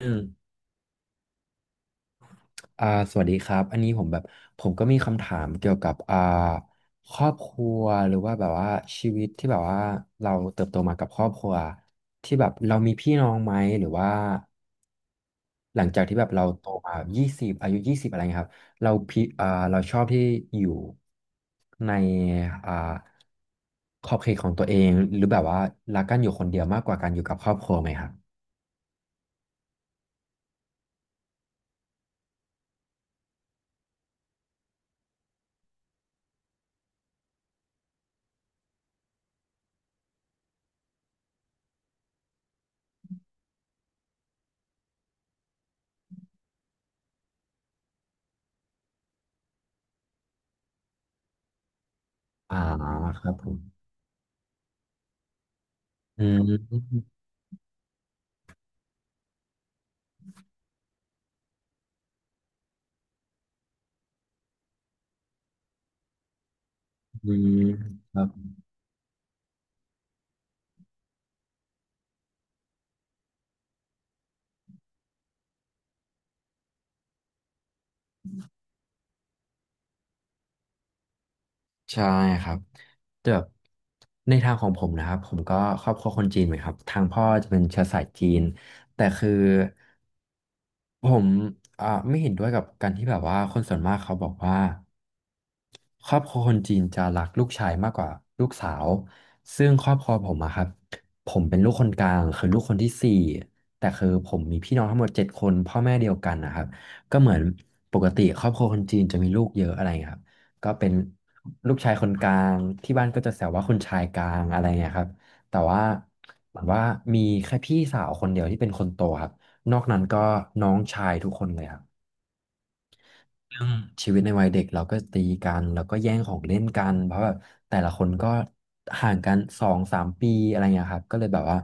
อืมสวัสดีครับอันนี้ผมแบบผมก็มีคำถามเกี่ยวกับครอบครัวหรือว่าแบบว่าชีวิตที่แบบว่าเราเติบโตมากับครอบครัวที่แบบเรามีพี่น้องไหมหรือว่าหลังจากที่แบบเราโตมายี่สิบอายุยี่สิบอะไรเงี้ยครับเราชอบที่อยู่ในอ่าขอบเขตของตัวเองหรือแบบว่ารักกันอยู่คนเดียวมากกว่าการอยู่กับครอบครัวไหมครับอ่าครับผมอืมอืมครับ ใช่ครับแต่แบบในทางของผมนะครับผมก็ครอบครัวคนจีนเหมือนครับทางพ่อจะเป็นเชื้อสายจีนแต่คือผมไม่เห็นด้วยกับการที่แบบว่าคนส่วนมากเขาบอกว่า ครอบครัวคนจีนจะรักลูกชายมากกว่าลูกสาวซึ่งครอบครัวผมอะครับผมเป็นลูกคนกลางคือลูกคนที่สี่แต่คือผมมีพี่น้องทั้งหมด7 คนพ่อแม่เดียวกันนะครับก็เหมือนปกติครอบครัวคนจีนจะมีลูกเยอะอะไรเงี้ยครับก็เป็นลูกชายคนกลางที่บ้านก็จะแซวว่าคุณชายกลางอะไรเงี้ยครับแต่ว่าเหมือนว่ามีแค่พี่สาวคนเดียวที่เป็นคนโตครับนอกนั้นก็น้องชายทุกคนเลยครับ เรื่องชีวิตในวัยเด็กเราก็ตีกันแล้วก็แย่งของเล่นกันเพราะแบบแต่ละคนก็ห่างกันสองสามปีอะไรเงี้ยครับก็เลยแบบว่า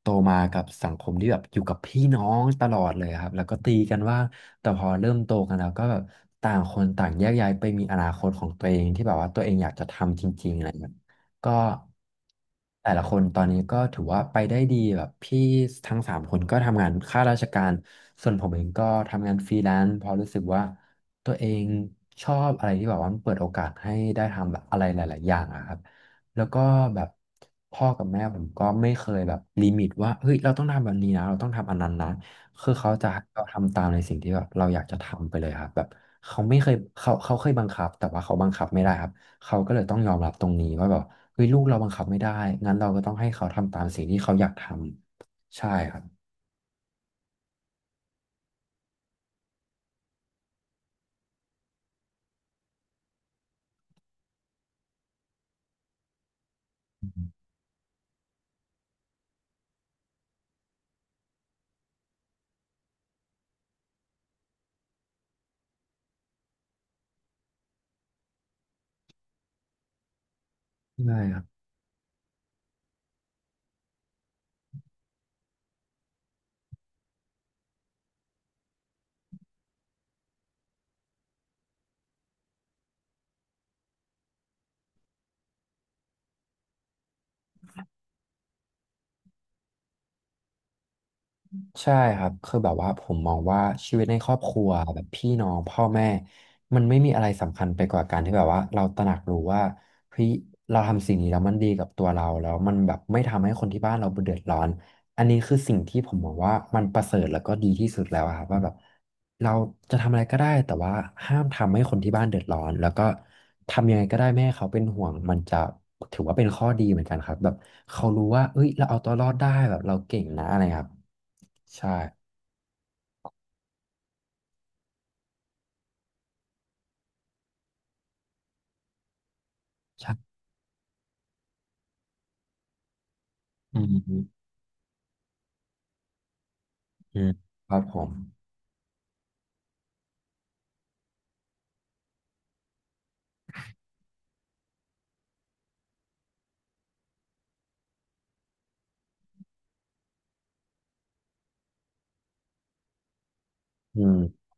โตมากับสังคมที่แบบอยู่กับพี่น้องตลอดเลยครับแล้วก็ตีกันว่าแต่พอเริ่มโตกันแล้วก็แบบต่างคนต่างแยกย้ายไปมีอนาคตของตัวเองที่แบบว่าตัวเองอยากจะทำจริงๆอะไรเงี้ยก็แต่ละคนตอนนี้ก็ถือว่าไปได้ดีแบบพี่ทั้ง3 คนก็ทำงานข้าราชการส่วนผมเองก็ทำงานฟรีแลนซ์เพอราะรู้สึกว่า ตัวเองชอบอะไรที่แบบว่ามันเปิดโอกาสให้ได้ทำแบบอะไรหลายๆอย่างอะครับแล้วก็แบบพ่อกับแม่ผมก็ไม่เคยแบบลิมิตว่าเฮ้ยเราต้องทำแบบนี้นะเราต้องทำอันนั้นนะคือเขาจะให้เราทำตามในสิ่งที่แบบเราอยากจะทำไปเลยครับแบบเขาไม่เคยเขาเขาเคยบังคับแต่ว่าเขาบังคับไม่ได้ครับเขาก็เลยต้องยอมรับตรงนี้ว่าแบบเฮ้ยลูกเราบังคับไม่ได้งั้นเราก็ต้องให้เขาทำตามสิ่งที่เขาอยากทำใช่ครับใช่ครับ ใช่ครับคือแบบว่าผมมองว่าชีวิตในครอบครัวแบบพี่น้องพ่อแม่มันไม่มีอะไรสำคัญไปกว่าการที่แบบว่าเราตระหนักรู้ว่าเฮ้ยเราทำสิ่งนี้แล้วมันดีกับตัวเราแล้วมันแบบไม่ทำให้คนที่บ้านเราเดือดร้อน อันนี้คือสิ่งที่ผมบอกว่ามันประเสริฐแล้วก็ดีที่สุดแล้วอะครับว่าแบบเราจะทำอะไรก็ได้แต่ว่าห้ามทำให้คนที่บ้านเดือดร้อนแล้วก็ทำยังไงก็ได้ไม่ให้เขาเป็นห่วงมันจะถือว่าเป็นข้อดีเหมือนกันครับแบบเขารู้ว่าเอ้ยเราเอาตัวรอดได้แบบเราเก่งนะอะไรครับใช่ใช่อืมอืมครับผมอืม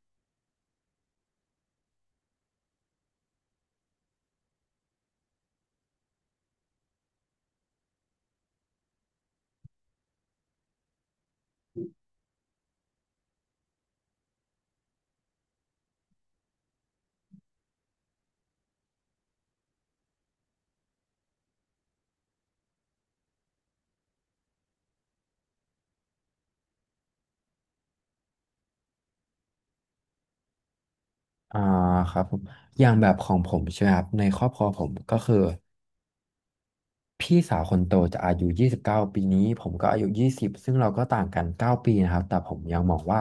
อ่าครับผมอย่างแบบของผมใช่ไหมครับในครอบครัวผมก็คือ พี่สาวคนโตจะอายุ29ปีนี้ผมก็อายุ20ซึ่งเราก็ต่างกัน9ปีนะครับแต่ผมยังมองว่า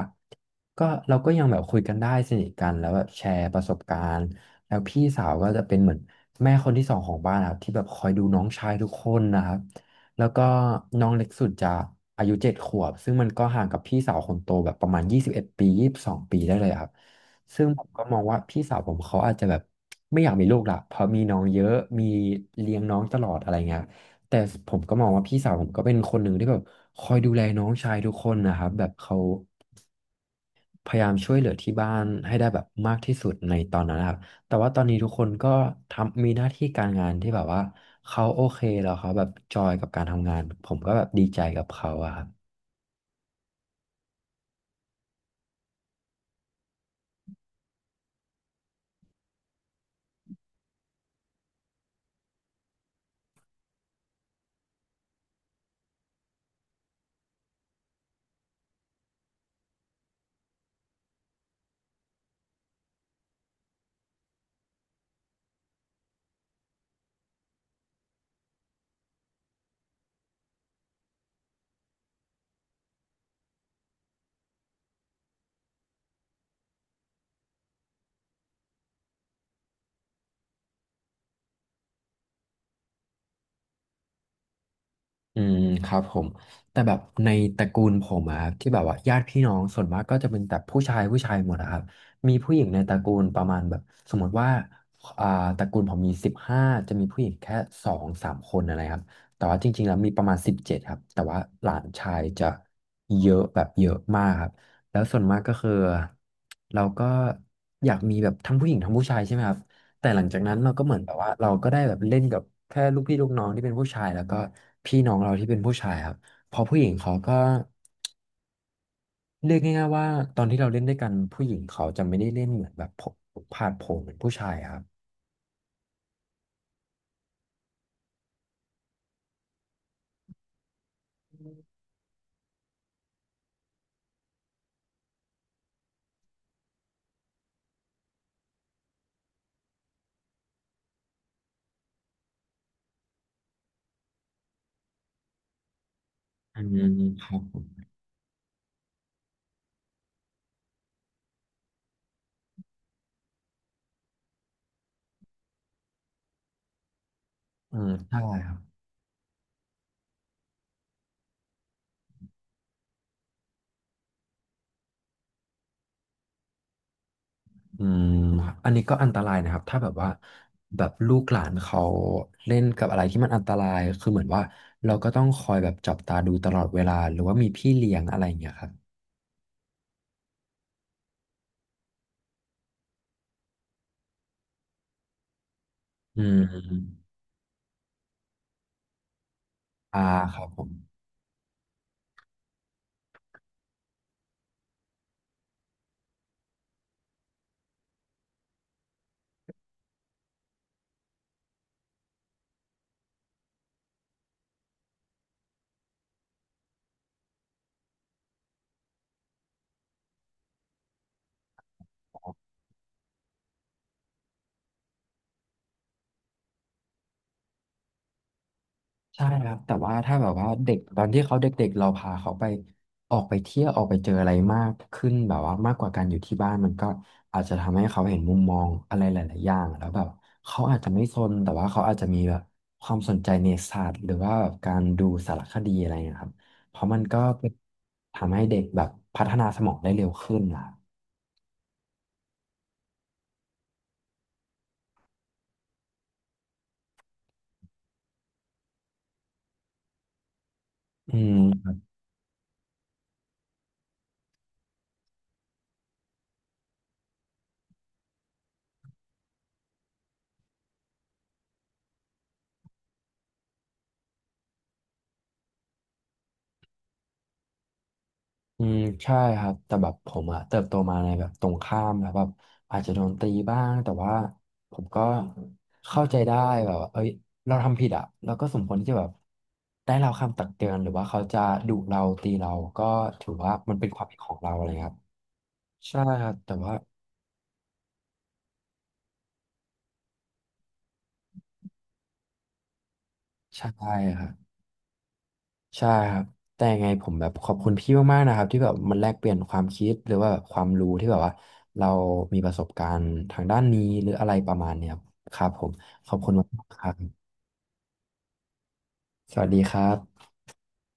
ก็เราก็ยังแบบคุยกันได้สนิทกันแล้วแบบแชร์ประสบการณ์แล้วพี่สาวก็จะเป็นเหมือนแม่คนที่สองของบ้านนะครับที่แบบคอยดูน้องชายทุกคนนะครับแล้วก็น้องเล็กสุดจะอายุ7ขวบซึ่งมันก็ห่างกับพี่สาวคนโตแบบประมาณ21ปียี่สิบสองปีได้เลยครับซึ่งผมก็มองว่าพี่สาวผมเขาอาจจะแบบไม่อยากมีลูกละเพราะมีน้องเยอะมีเลี้ยงน้องตลอดอะไรเงี้ย แต่ผมก็มองว่าพี่สาวผมก็เป็นคนหนึ่งที่แบบคอยดูแลน้องชายทุกคนนะครับแบบเขาพยายามช่วยเหลือที่บ้านให้ได้แบบมากที่สุดในตอนนั้นนะครับแต่ว่าตอนนี้ทุกคนก็ทำมีหน้าที่การงานที่แบบว่าเขาโอเคแล้วเขาแบบจอยกับการทำงานผมก็แบบดีใจกับเขาอะครับ อืมครับผมแต่แบบในตระกูลผมอะครับที่แบบว่าญาติพี่น้องส่วนมากก็จะเป็นแต่ผู้ชายหมดอะครับมีผู้หญิงในตระกูลประมาณแบบสมมติว่าอ่าตระกูลผมมี15จะมีผู้หญิงแค่2-3 คนอะไรครับแต่ว่าจริงๆแล้วมีประมาณ17ครับแต่ว่าหลานชายจะเยอะแบบเยอะมากครับแล้วส่วนมากก็คือเราก็อยากมีแบบทั้งผู้หญิงทั้งผู้ชายใช่ไหมครับ แต่หลังจากนั้นเราก็เหมือนแบบว่าเราก็ได้แบบเล่นกับแค่ลูกพี่ลูกน้องที่เป็นผู้ชายแล้วก็พี่น้องเราที่เป็นผู้ชายครับเพอผู้หญิงเขาก็เรียกง่ายๆว่าตอนที่เราเล่นด้วยกันผู้หญิงเขาจะไม่ได้เล่นเหมือนแบบผาดโผนเหมือนผู้ชายครับอืมครับผมอืมใช่ครับอืมครับอันนี้ก็อันตรายนะครับถ้าแบบว่าแบบลูกหลานเขาเล่นกับอะไรที่มันอันตรายคือเหมือนว่าเราก็ต้องคอยแบบจับตาดูตลอดเวลาหรือว่ามีพี่เลี้ยงอะไรอย่างเงี้ยครับอืมอ่าครับผม ใช่ครับแต่ว่าถ้าแบบว่าเด็กตอนที่เขาเด็กๆเราพาเขาไปออกไปเที่ยวออกไปเจออะไรมากขึ้นแบบว่ามากกว่าการอยู่ที่บ้านมันก็อาจจะทำให้เขาเห็นมุมมองอะไรหลายๆอย่างแล้วแบบเขาอาจจะไม่ซนแต่ว่าเขาอาจจะมีแบบความสนใจในศาสตร์หรือว่าแบบการดูสารคดีอะไรนะครับเพราะมันก็เป็นทำให้เด็กแบบพัฒนาสมองได้เร็วขึ้นนะครับอืม อืมใช่ครับแต่แบบผมอะเติบโตมาในแบบตรงข้ามแล้วแบบอาจจะโดนตีบ้างแต่ว่าผมก็เข้าใจได้แบบว่าเอ้ยเราทำผิดอะเราก็สมควรที่จะแบบได้เราคำตักเตือนหรือว่าเขาจะดุเราตีเราก็ถือว่ามันเป็นความผิดของเราอะไรครับใช่ครับแต่ว่าใช่ครับ ใช่ครับแต่ยังไงผมแบบขอบคุณพี่มากๆนะครับที่แบบมันแลกเปลี่ยนความคิดหรือว่าแบบความรู้ที่แบบว่าเรามีประสบการณ์ทางด้านนี้หรืออะไรประมาณเนี้ยครับครับผมขอบคุณมากๆครับสวัสดีครับ